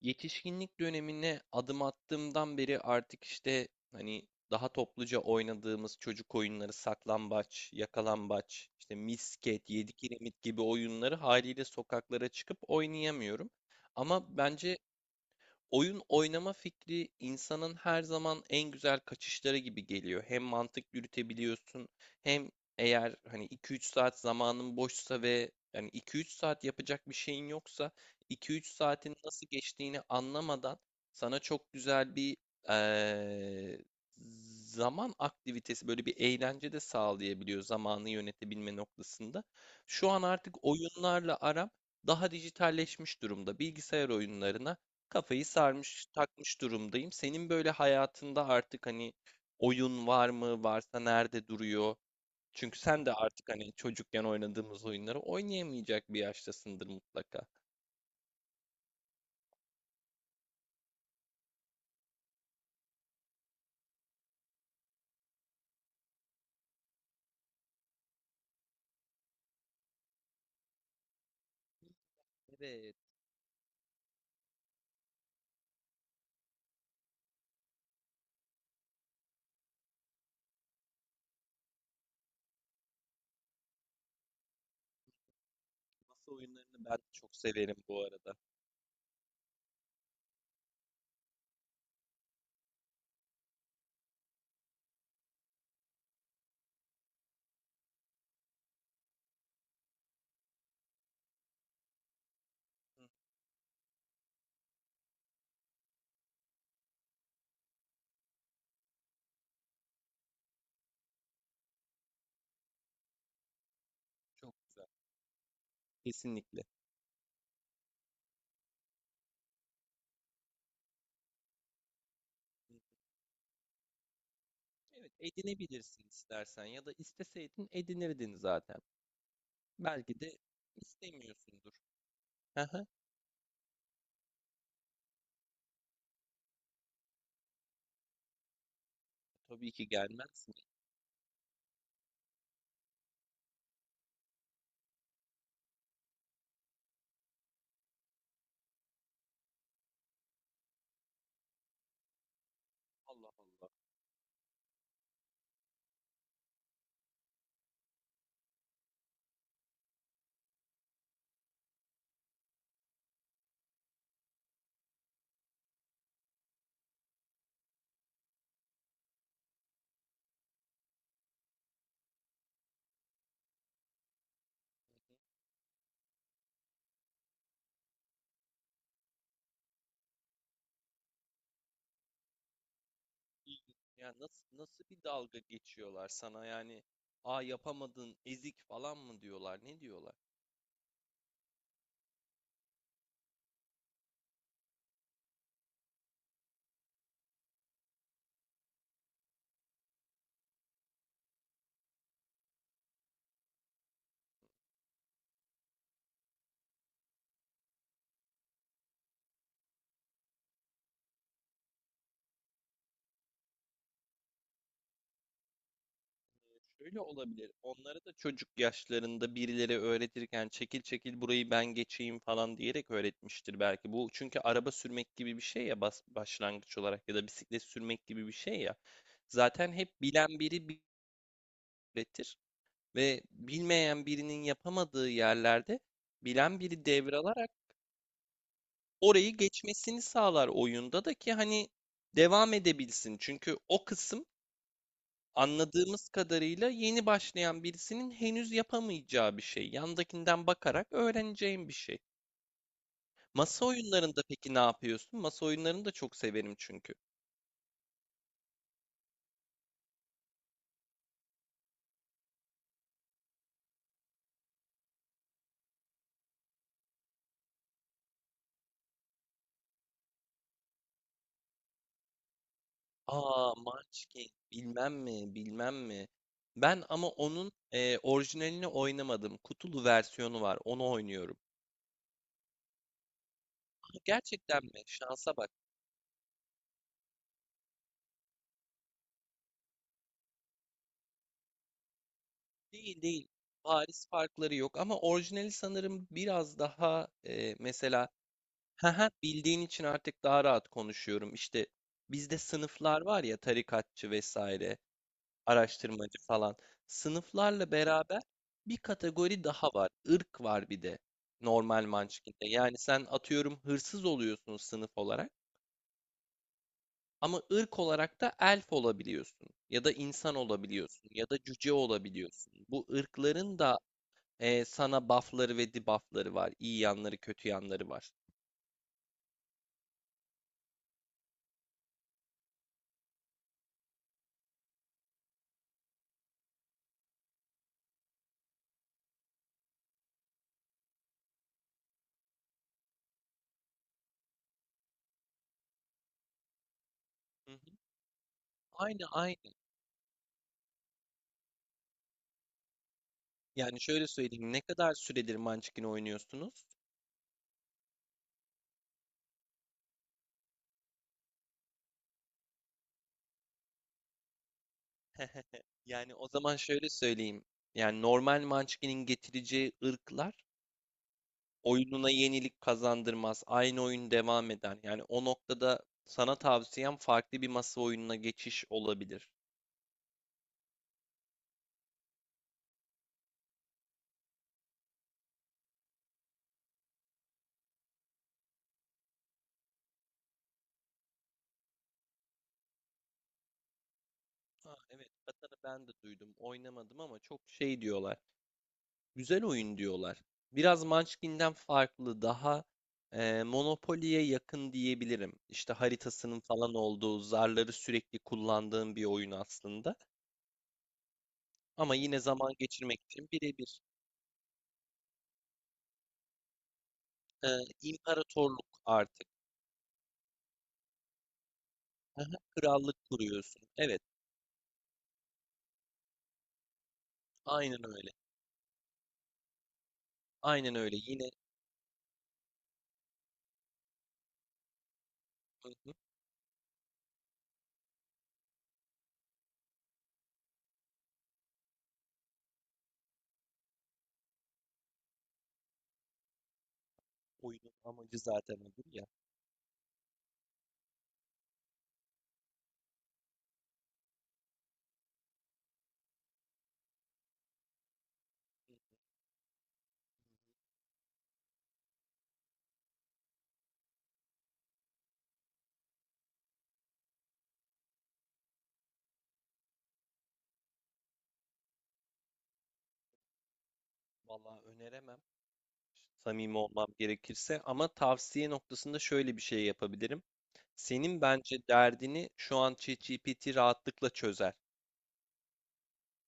Yetişkinlik dönemine adım attığımdan beri artık işte hani daha topluca oynadığımız çocuk oyunları saklambaç, yakalambaç, işte misket, yedi kiremit gibi oyunları haliyle sokaklara çıkıp oynayamıyorum. Ama bence oyun oynama fikri insanın her zaman en güzel kaçışları gibi geliyor. Hem mantık yürütebiliyorsun, hem eğer hani 2-3 saat zamanın boşsa ve yani 2-3 saat yapacak bir şeyin yoksa, 2-3 saatin nasıl geçtiğini anlamadan sana çok güzel bir eee, zaman aktivitesi, böyle bir eğlence de sağlayabiliyor zamanı yönetebilme noktasında. Şu an artık oyunlarla aram daha dijitalleşmiş durumda. Bilgisayar oyunlarına kafayı sarmış, takmış durumdayım. Senin böyle hayatında artık hani oyun var mı? Varsa nerede duruyor? Çünkü sen de artık hani çocukken oynadığımız oyunları oynayamayacak bir yaştasındır mutlaka. Evet, masa oyunlarını ben de çok severim bu arada. Hı, Çok güzel. Kesinlikle. Evet, edinebilirsin istersen ya da isteseydin edinirdin zaten. Belki de istemiyorsundur. Haha, tabii ki gelmez mi? Allah Allah. Hı hı. İlginç. Ya nasıl bir dalga geçiyorlar sana yani? Aa, yapamadın, ezik falan mı diyorlar? Ne diyorlar? Şöyle olabilir. Onlara da çocuk yaşlarında birileri öğretirken çekil çekil burayı ben geçeyim falan diyerek öğretmiştir belki. Bu çünkü araba sürmek gibi bir şey ya, başlangıç olarak, ya da bisiklet sürmek gibi bir şey ya. Zaten hep bilen biri öğretir ve bilmeyen birinin yapamadığı yerlerde bilen biri devralarak orayı geçmesini sağlar oyunda da ki hani devam edebilsin. Çünkü o kısım, anladığımız kadarıyla, yeni başlayan birisinin henüz yapamayacağı bir şey. Yandakinden bakarak öğreneceğim bir şey. Masa oyunlarında peki ne yapıyorsun? Masa oyunlarını da çok severim çünkü. Aa, Munchkin bilmem mi bilmem mi. Ben ama onun orijinalini oynamadım. Kutulu versiyonu var. Onu oynuyorum. Aa, gerçekten mi? Şansa bak. Değil değil. Paris farkları yok ama orijinali sanırım biraz daha mesela. Hı hı, bildiğin için artık daha rahat konuşuyorum. İşte bizde sınıflar var ya, tarikatçı vesaire, araştırmacı falan. Sınıflarla beraber bir kategori daha var. Irk var bir de normal Munchkin'de. Yani sen atıyorum hırsız oluyorsun sınıf olarak, ama ırk olarak da elf olabiliyorsun ya da insan olabiliyorsun ya da cüce olabiliyorsun. Bu ırkların da sana buff'ları ve debuff'ları var. İyi yanları, kötü yanları var. Hı hı. Aynı aynı. Yani şöyle söyleyeyim. Ne kadar süredir Munchkin oynuyorsunuz? Yani o zaman şöyle söyleyeyim. Yani normal Munchkin'in getireceği ırklar oyununa yenilik kazandırmaz. Aynı oyun devam eder. Yani o noktada sana tavsiyem farklı bir masa oyununa geçiş olabilir. Ha, evet, Katan'ı ben de duydum. Oynamadım ama çok şey diyorlar. Güzel oyun diyorlar. Biraz Munchkin'den farklı, daha Monopoly'ye yakın diyebilirim. İşte haritasının falan olduğu, zarları sürekli kullandığım bir oyun aslında. Ama yine zaman geçirmek için birebir. Ee, imparatorluk artık. Hı hı, krallık kuruyorsun. Evet, aynen öyle. Aynen öyle. Yine, hı hı, oyunun amacı zaten odur ya. Vallahi öneremem. Samimi olmam gerekirse, ama tavsiye noktasında şöyle bir şey yapabilirim. Senin bence derdini şu an ChatGPT rahatlıkla çözer.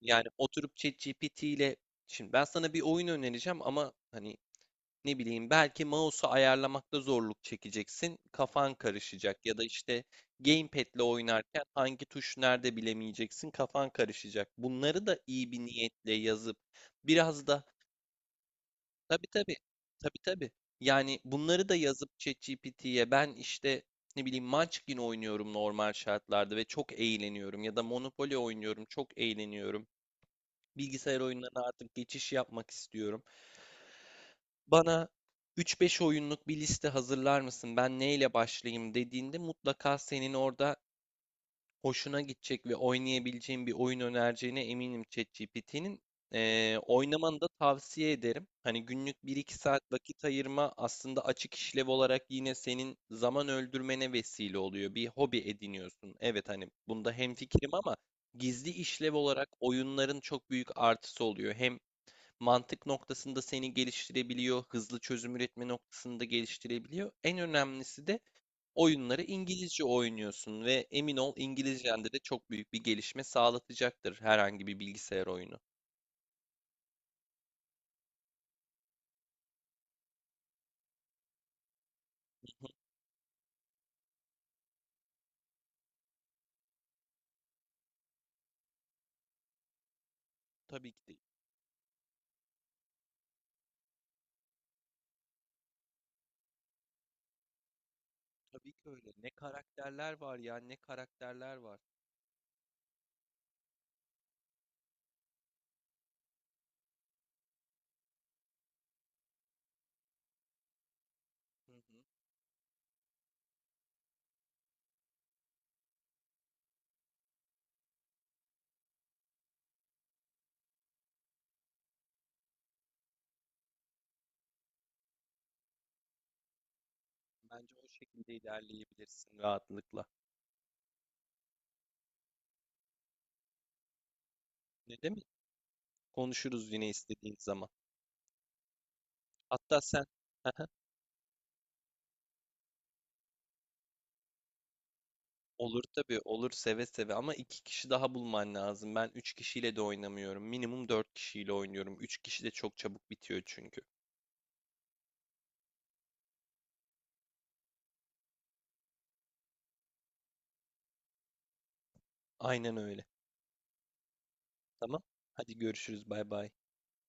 Yani oturup ChatGPT ile şimdi ben sana bir oyun önereceğim ama hani, ne bileyim, belki mouse'u ayarlamakta zorluk çekeceksin. Kafan karışacak, ya da işte gamepad'le oynarken hangi tuş nerede bilemeyeceksin. Kafan karışacak. Bunları da iyi bir niyetle yazıp, biraz da, tabii, tabii, tabii, tabii, yani bunları da yazıp ChatGPT'ye, ben işte, ne bileyim, Munchkin oynuyorum normal şartlarda ve çok eğleniyorum, ya da Monopoly oynuyorum çok eğleniyorum. Bilgisayar oyunlarına artık geçiş yapmak istiyorum. Bana 3-5 oyunluk bir liste hazırlar mısın? Ben neyle başlayayım dediğinde mutlaka senin orada hoşuna gidecek ve oynayabileceğin bir oyun önereceğine eminim ChatGPT'nin. Oynamanı da tavsiye ederim. Hani günlük bir iki saat vakit ayırma aslında açık işlev olarak yine senin zaman öldürmene vesile oluyor. Bir hobi ediniyorsun. Evet hani bunda hemfikirim, ama gizli işlev olarak oyunların çok büyük artısı oluyor. Hem mantık noktasında seni geliştirebiliyor, hızlı çözüm üretme noktasında geliştirebiliyor. En önemlisi de, oyunları İngilizce oynuyorsun ve emin ol İngilizcende de çok büyük bir gelişme sağlatacaktır herhangi bir bilgisayar oyunu. Hı, Tabii ki de, tabii ki öyle. Ne karakterler var ya, ne karakterler var. Hı hı. Bence o şekilde ilerleyebilirsin rahatlıkla. Ne demek? Konuşuruz yine istediğin zaman. Hatta sen olur tabii olur, seve seve, ama iki kişi daha bulman lazım. Ben üç kişiyle de oynamıyorum. Minimum dört kişiyle oynuyorum. Üç kişi de çok çabuk bitiyor çünkü. Aynen öyle. Tamam. Hadi görüşürüz. Bay bay.